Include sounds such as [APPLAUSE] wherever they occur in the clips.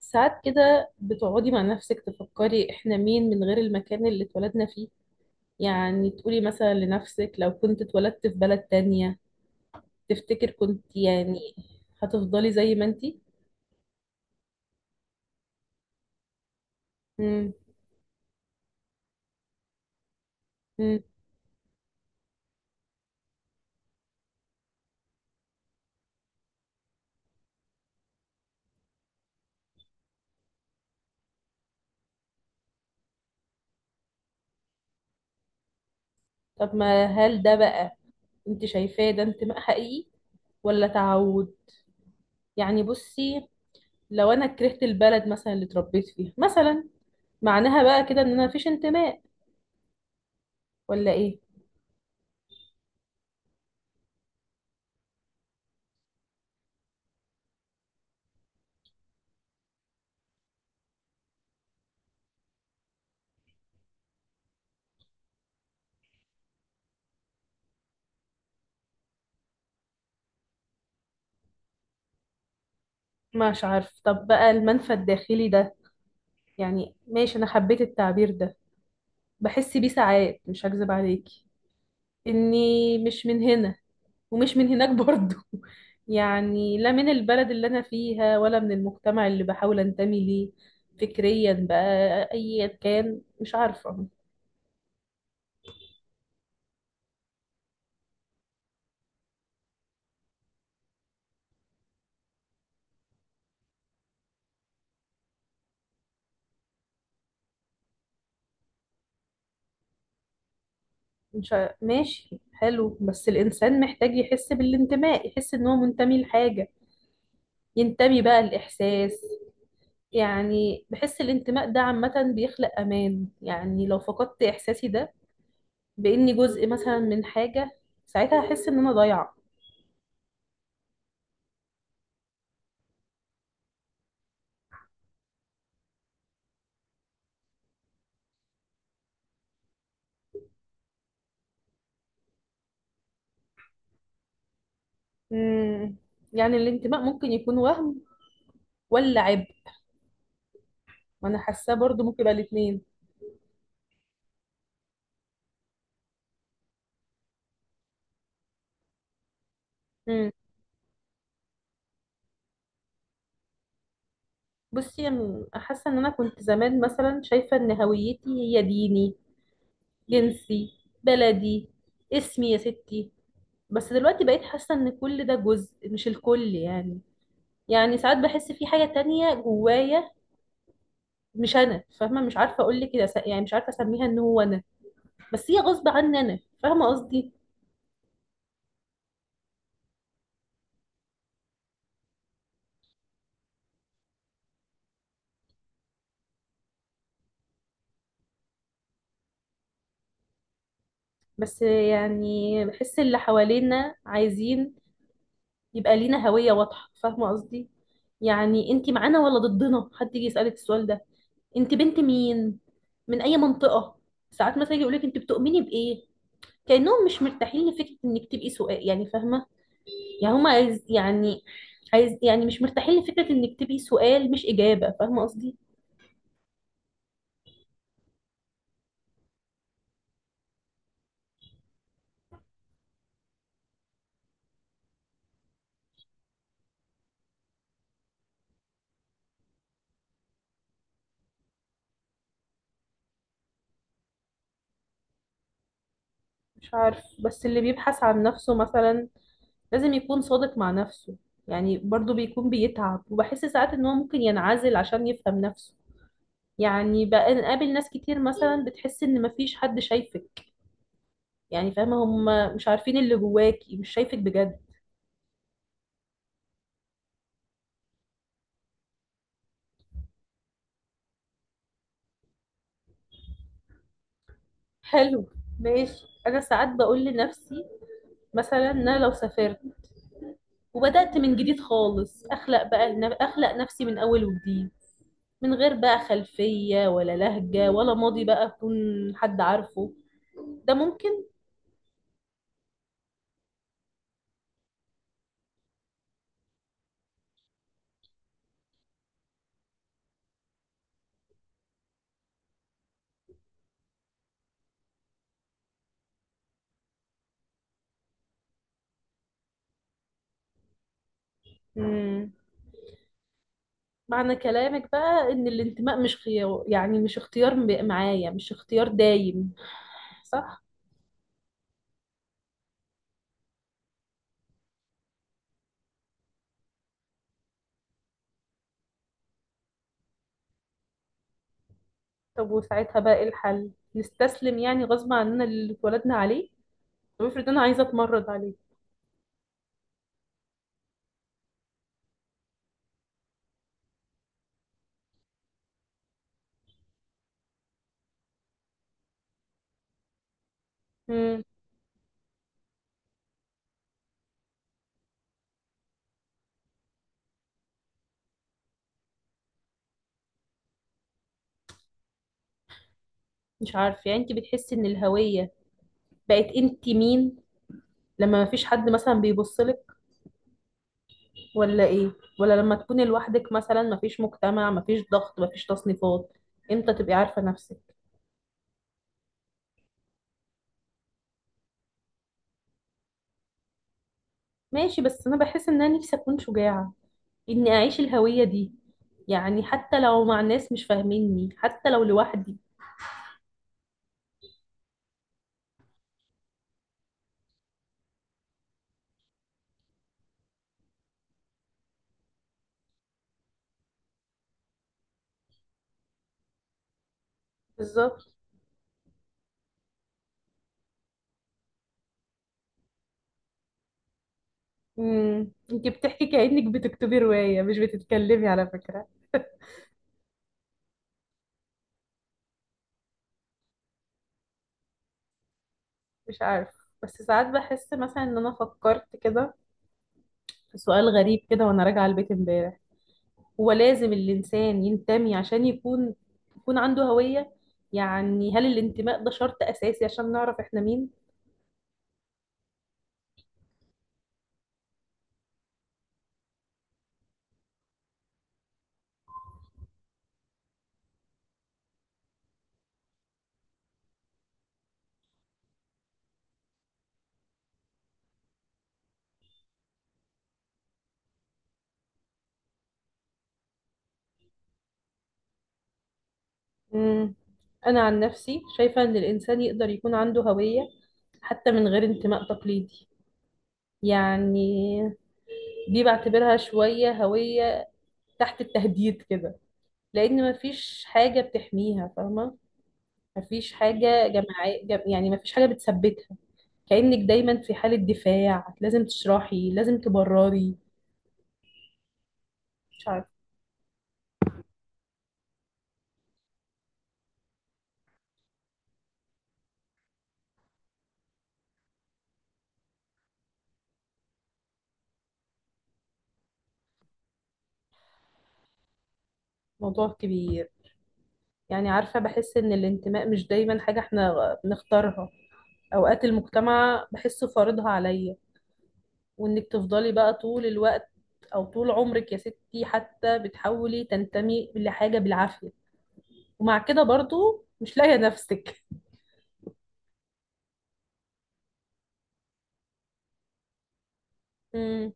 ساعات كده بتقعدي مع نفسك تفكري احنا مين من غير المكان اللي اتولدنا فيه، يعني تقولي مثلا لنفسك لو كنت اتولدت في بلد تانية تفتكر كنت يعني هتفضلي زي ما انتي. مم. مم. طب ما هل ده بقى، انت شايفاه ده انتماء حقيقي ولا تعود؟ يعني بصي، لو انا كرهت البلد مثلا اللي اتربيت فيها مثلا، معناها بقى كده ان انا مفيش انتماء ولا ايه؟ مش عارف، طب بقى المنفى الداخلي ده، يعني ماشي انا حبيت التعبير ده، بحس بيه ساعات مش هكذب عليكي اني مش من هنا ومش من هناك برضو [LAUGHS] يعني لا من البلد اللي انا فيها ولا من المجتمع اللي بحاول انتمي ليه فكريا بقى، ايا كان مش عارفة. مش ع... ماشي حلو، بس الانسان محتاج يحس بالانتماء، يحس ان هو منتمي لحاجة ينتمي بقى الاحساس، يعني بحس الانتماء ده عامة بيخلق امان، يعني لو فقدت احساسي ده باني جزء مثلا من حاجه، ساعتها احس ان انا ضايعه. امم يعني الانتماء ممكن يكون وهم ولا عبء؟ وانا حاساه برضو ممكن يبقى الاثنين. امم بصي أنا حاسه ان انا كنت زمان مثلا شايفه ان هويتي هي ديني، جنسي، بلدي، اسمي يا ستي، بس دلوقتي بقيت حاسه ان كل ده جزء مش الكل يعني، يعني ساعات بحس في حاجه تانية جوايا، مش انا فاهمه، مش عارفه اقول لك كده، يعني مش عارفه اسميها ان هو انا، بس هي غصب عني، انا فاهمه قصدي. بس يعني بحس اللي حوالينا عايزين يبقى لينا هوية واضحة، فاهمة قصدي؟ يعني انتي معانا ولا ضدنا، حد يجي يسألك السؤال ده، انتي بنت مين، من اي منطقة، ساعات مثلا يجي يقولك انتي بتؤمني بايه، كأنهم مش مرتاحين لفكرة انك تبقي سؤال، يعني فاهمة؟ يعني هم عايز يعني، عايز يعني مش مرتاحين لفكرة انك تبقي سؤال مش إجابة، فاهمة قصدي؟ مش عارف، بس اللي بيبحث عن نفسه مثلا لازم يكون صادق مع نفسه، يعني برضو بيكون بيتعب، وبحس ساعات ان هو ممكن ينعزل عشان يفهم نفسه. يعني بقى نقابل ناس كتير مثلا بتحس ان مفيش حد شايفك، يعني فاهمة، هم مش عارفين اللي جواكي، مش شايفك بجد. حلو، ماشي، انا ساعات بقول لنفسي مثلا ان انا لو سافرت وبدأت من جديد خالص، اخلق بقى اخلق نفسي من اول وجديد، من غير بقى خلفية ولا لهجة ولا ماضي بقى يكون حد عارفه، ده ممكن؟ مم. معنى كلامك بقى إن الانتماء مش خيار، يعني مش اختيار معايا، مش اختيار دايم، صح؟ طب وساعتها بقى إيه الحل؟ نستسلم يعني غصب عننا اللي اتولدنا عليه؟ طب افرض أنا عايزة أتمرد عليه. مم. مش عارفة، يعني أنت بتحسي إن الهوية بقت أنت مين لما مفيش حد مثلا بيبصلك ولا ايه؟ ولا لما تكوني لوحدك مثلا، مفيش مجتمع مفيش ضغط مفيش تصنيفات، امتى تبقي عارفة نفسك؟ ماشي، بس انا بحس ان انا نفسي اكون شجاعة اني اعيش الهوية دي، يعني حتى لو مع ناس مش فاهميني، حتى لو لوحدي. بالظبط. امم، انت بتحكي كأنك بتكتبي رواية مش بتتكلمي على فكرة. مش عارف، بس ساعات بحس مثلا ان انا فكرت كده في سؤال غريب كده وانا راجعة البيت امبارح، هو لازم الإنسان ينتمي عشان يكون، يكون عنده هوية؟ يعني هل الانتماء ده شرط أساسي عشان نعرف إحنا مين؟ مم. أنا عن نفسي شايفة إن الإنسان يقدر يكون عنده هوية حتى من غير انتماء تقليدي، يعني دي بعتبرها شوية هوية تحت التهديد كده، لأن مفيش حاجة بتحميها، فاهمة؟ مفيش حاجة جماعية جم... يعني مفيش حاجة بتثبتها، كأنك دايما في حالة دفاع، لازم تشرحي لازم تبرري. مش عارفة، موضوع كبير، يعني عارفة بحس إن الانتماء مش دايما حاجة احنا نختارها، أوقات المجتمع بحسه فارضها عليا، وإنك تفضلي بقى طول الوقت أو طول عمرك يا ستي حتى بتحاولي تنتمي لحاجة بالعافية، ومع كده برضو مش لاقية نفسك. مم.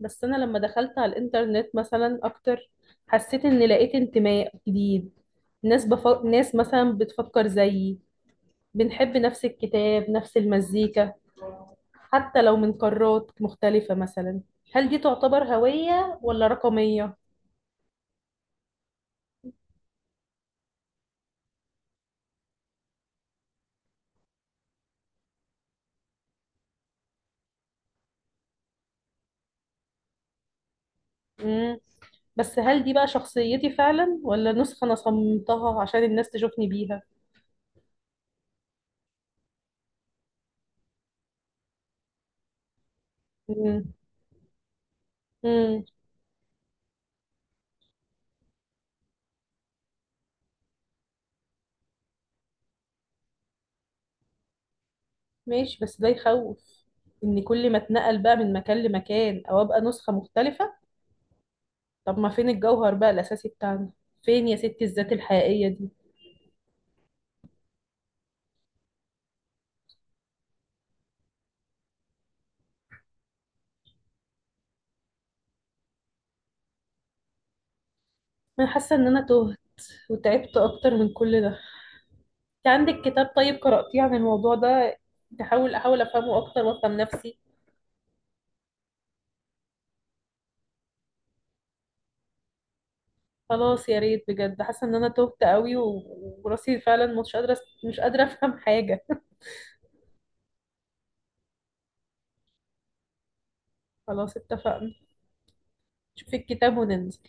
بس أنا لما دخلت على الإنترنت مثلا أكتر، حسيت إن لقيت انتماء جديد، ناس مثلا بتفكر زيي، بنحب نفس الكتاب نفس المزيكا، حتى لو من قارات مختلفة مثلا، هل دي تعتبر هوية ولا رقمية؟ مم. بس هل دي بقى شخصيتي فعلا ولا نسخة أنا صممتها عشان الناس تشوفني بيها؟ مم. مم. ماشي، بس ده يخوف إن كل ما اتنقل بقى من مكان لمكان أو أبقى نسخة مختلفة، طب ما فين الجوهر بقى الأساسي بتاعنا؟ فين يا ستي الذات الحقيقية دي؟ أنا حاسة إن أنا تهت وتعبت أكتر من كل ده. أنت عندك كتاب طيب قرأتيه عن الموضوع ده، تحاول أحاول أفهمه أكتر وأفهم نفسي. خلاص يا ريت بجد، حاسه ان انا تهت قوي وراسي فعلا مش قادره، مش قادره افهم حاجه [LAUGHS] خلاص اتفقنا، شوفي الكتاب وننزل.